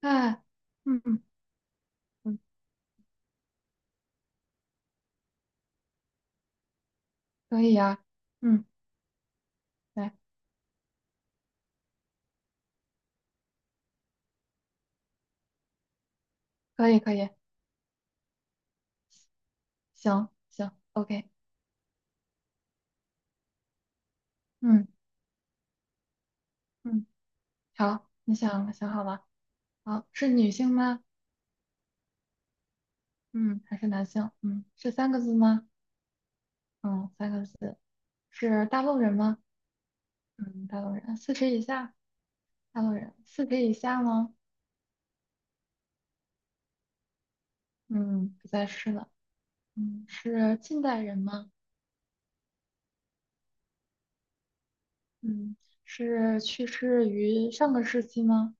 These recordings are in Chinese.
哎。嗯嗯。嗯。可以呀。嗯，来。可以可以。行行，OK。嗯嗯。好，你想想好了。好，是女性吗？嗯，还是男性？嗯，是三个字吗？嗯，三个字。是大陆人吗？嗯，大陆人，四十以下。大陆人，40以下吗？嗯，不再是了。嗯，是近代人吗？嗯，是去世于上个世纪吗？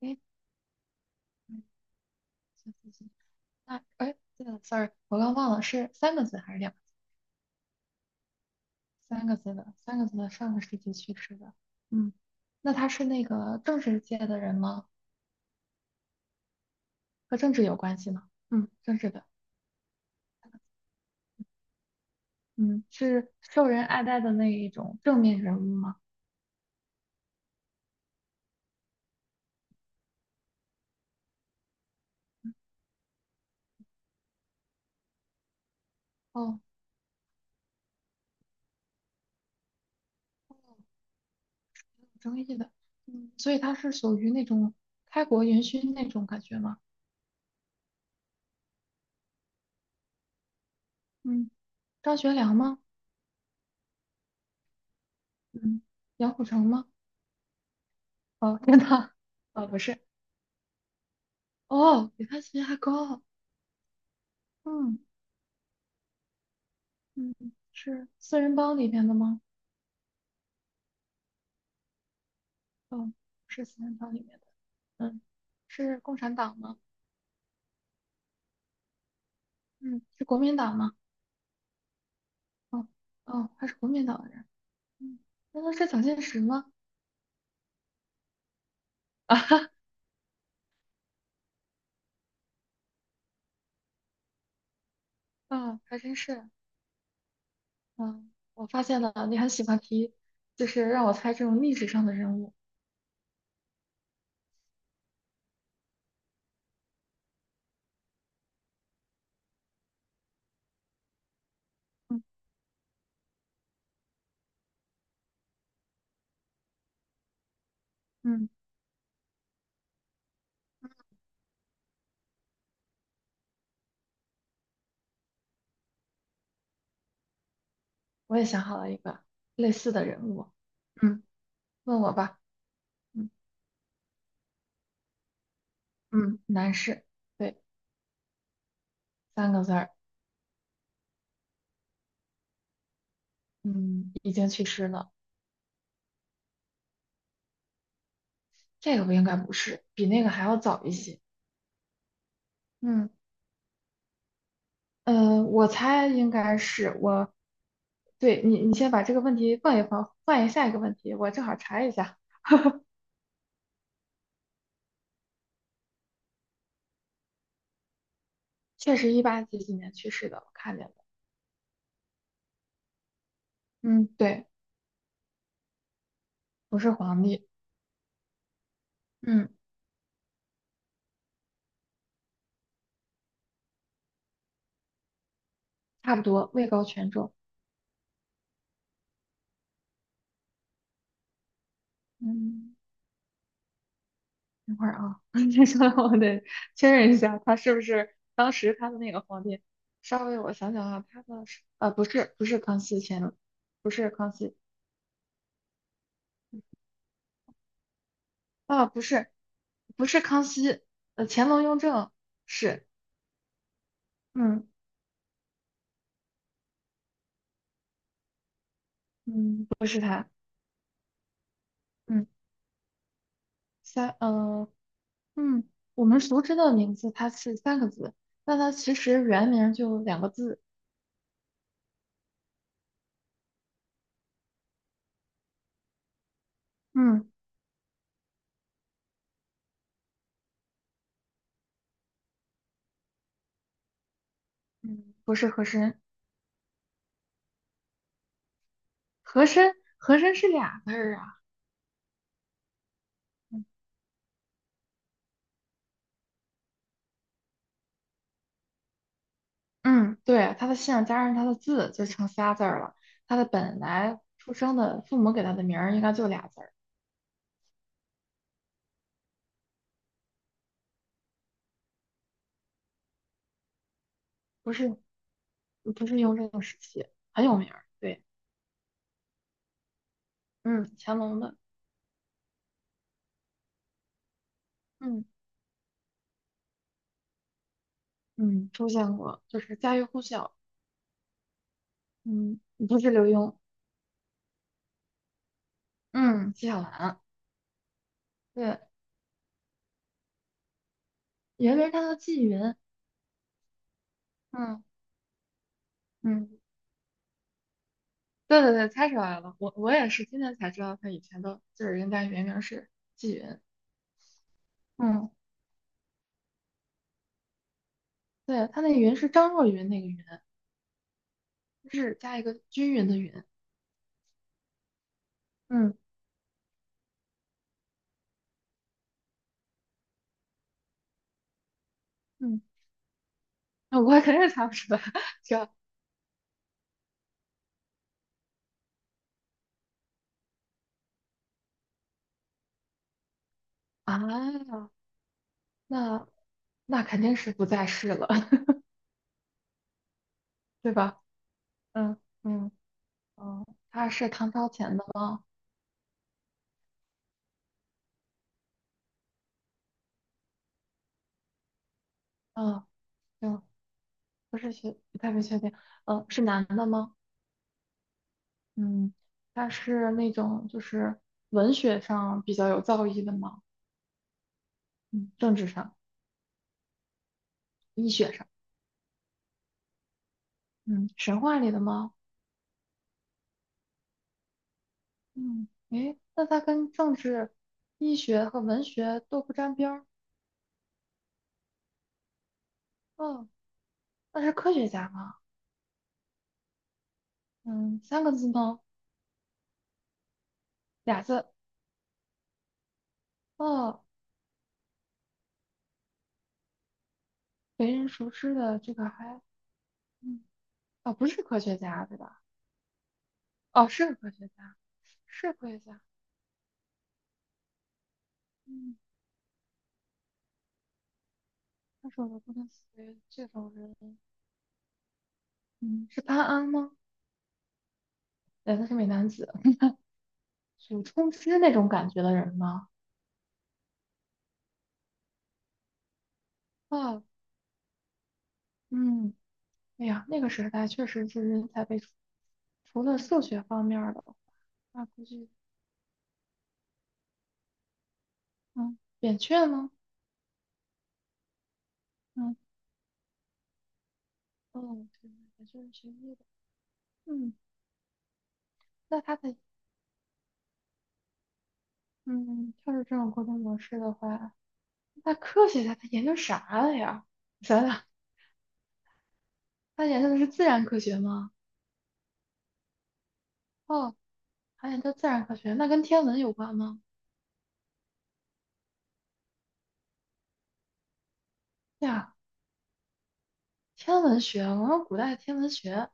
诶，嗯那哎，对了，sorry，我刚忘了是三个字还是两个字？三个字的，三个字的，上个世纪去世的。嗯，那他是那个政治界的人吗？和政治有关系吗？嗯，政治的。嗯，是受人爱戴的那一种正面人物吗？哦，有争议的。嗯，所以他是属于那种开国元勋那种感觉吗？嗯，张学良吗？嗯，杨虎城吗？哦，天呐。哦，不是。哦，比他级别还高啊。嗯。嗯，是四人帮里面的吗？哦，不是四人帮里面的。嗯，是共产党吗？嗯，是国民党吗？哦。哦，他是国民党的人。嗯，难道是蒋介石吗？啊哈。啊，还真是。嗯，我发现了，你很喜欢提，就是让我猜这种历史上的人物。嗯嗯，我也想好了一个类似的人物。嗯，问我吧。嗯嗯，男士。对，三个字儿。嗯，已经去世了。这个不应该不是，比那个还要早一些。嗯我猜应该是我，对你，你先把这个问题放一放，换一下一个问题，我正好查一下。确实一八几几年去世的，我看见了。嗯，对，不是皇帝。嗯差不多位高权重。嗯等会儿啊，你说的我得确认一下，他是不是当时他的那个皇帝？稍微我想想啊，他的是不是不是康熙乾隆。不是康熙。啊，不是，不是康熙，乾隆、雍正是。嗯嗯，不是他？嗯三，嗯，我们熟知的名字它是三个字，但它其实原名就两个字。嗯嗯，不是和珅。和珅，和珅是俩字儿啊。嗯，对，他的姓加上他的字就成仨字儿了，他的本来出生的父母给他的名儿应该就俩字儿。不是，不是雍正时期。很有名儿，对。嗯，乾隆的。嗯。嗯，出现过，就是家喻户晓。嗯，不是刘墉。嗯，纪晓岚。对，原名他叫纪云。嗯嗯，对对对，猜出来了。我也是今天才知道他以前的，就是人家原名是纪云。嗯，对，他那云是张若昀那个云。日加一个均匀的匀。嗯嗯，那我肯定猜不出来，这啊，那那肯定是不在世了，对吧？嗯嗯。嗯，他是唐朝前的吗？嗯，不是学，不太是确定。是男的吗？嗯，他是那种就是文学上比较有造诣的吗？嗯，政治上、医学上。嗯，神话里的吗？嗯，诶，那他跟政治、医学和文学都不沾边儿。哦，那是科学家吗？嗯，三个字吗？俩字。哦，为人熟知的这个还。嗯。哦，不是科学家对吧？哦，是科学家。是科学家。嗯。但是我都不能随这种人。嗯，是潘安吗？对，他是美男子，有冲之那种感觉的人吗？啊。嗯。哎呀，那个时代确实是人才辈出，除了数学方面儿的，那估计。嗯，扁鹊呢？嗯，哦，对，扁鹊是学医的。嗯，那他的。嗯，要是这种沟通模式的话，那科学家他研究啥了呀？想想。他研究的是自然科学吗？哦，还研究自然科学，那跟天文有关吗？对呀，天文学，我说古代天文学。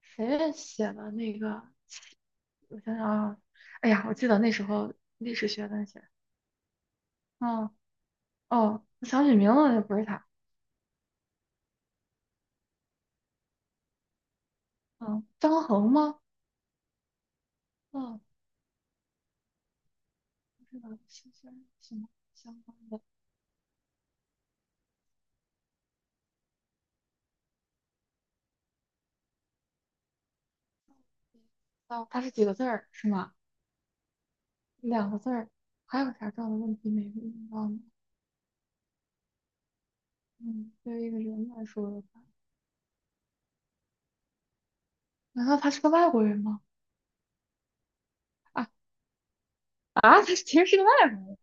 谁写的那个？我想想啊，哎呀，我记得那时候历史学的写。嗯，哦，我想起名字了，不是他。嗯，张衡吗？嗯，不知道，是什么相关的？哦，他是几个字儿是吗？两个字儿。还有啥这样的问题没问到呢嗯，对于一个人来说的话，难道他是个外国人吗？啊。啊，他其实是个外国人。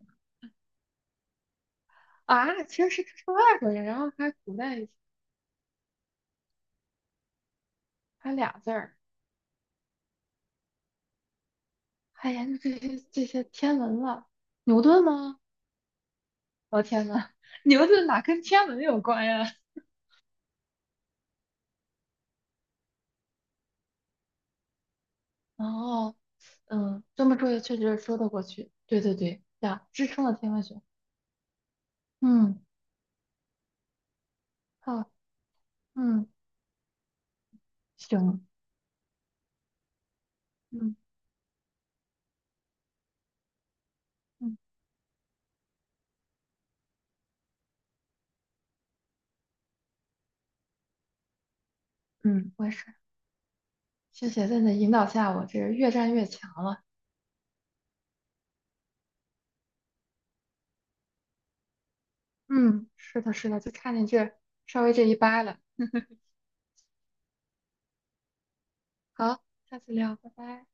啊，其实是他是个外国人，然后还古代还俩字儿。还研究这些天文了？牛顿吗？我、天呐，牛顿哪跟天文有关呀？哦。嗯，这么说也确实说得过去。对对对，呀，支撑了天文学。嗯，好。嗯，行。嗯嗯嗯，我也是。谢谢在你的引导下，我这越战越强了。嗯，是的，是的，就差你这稍微这一掰了。好，下次聊，拜拜。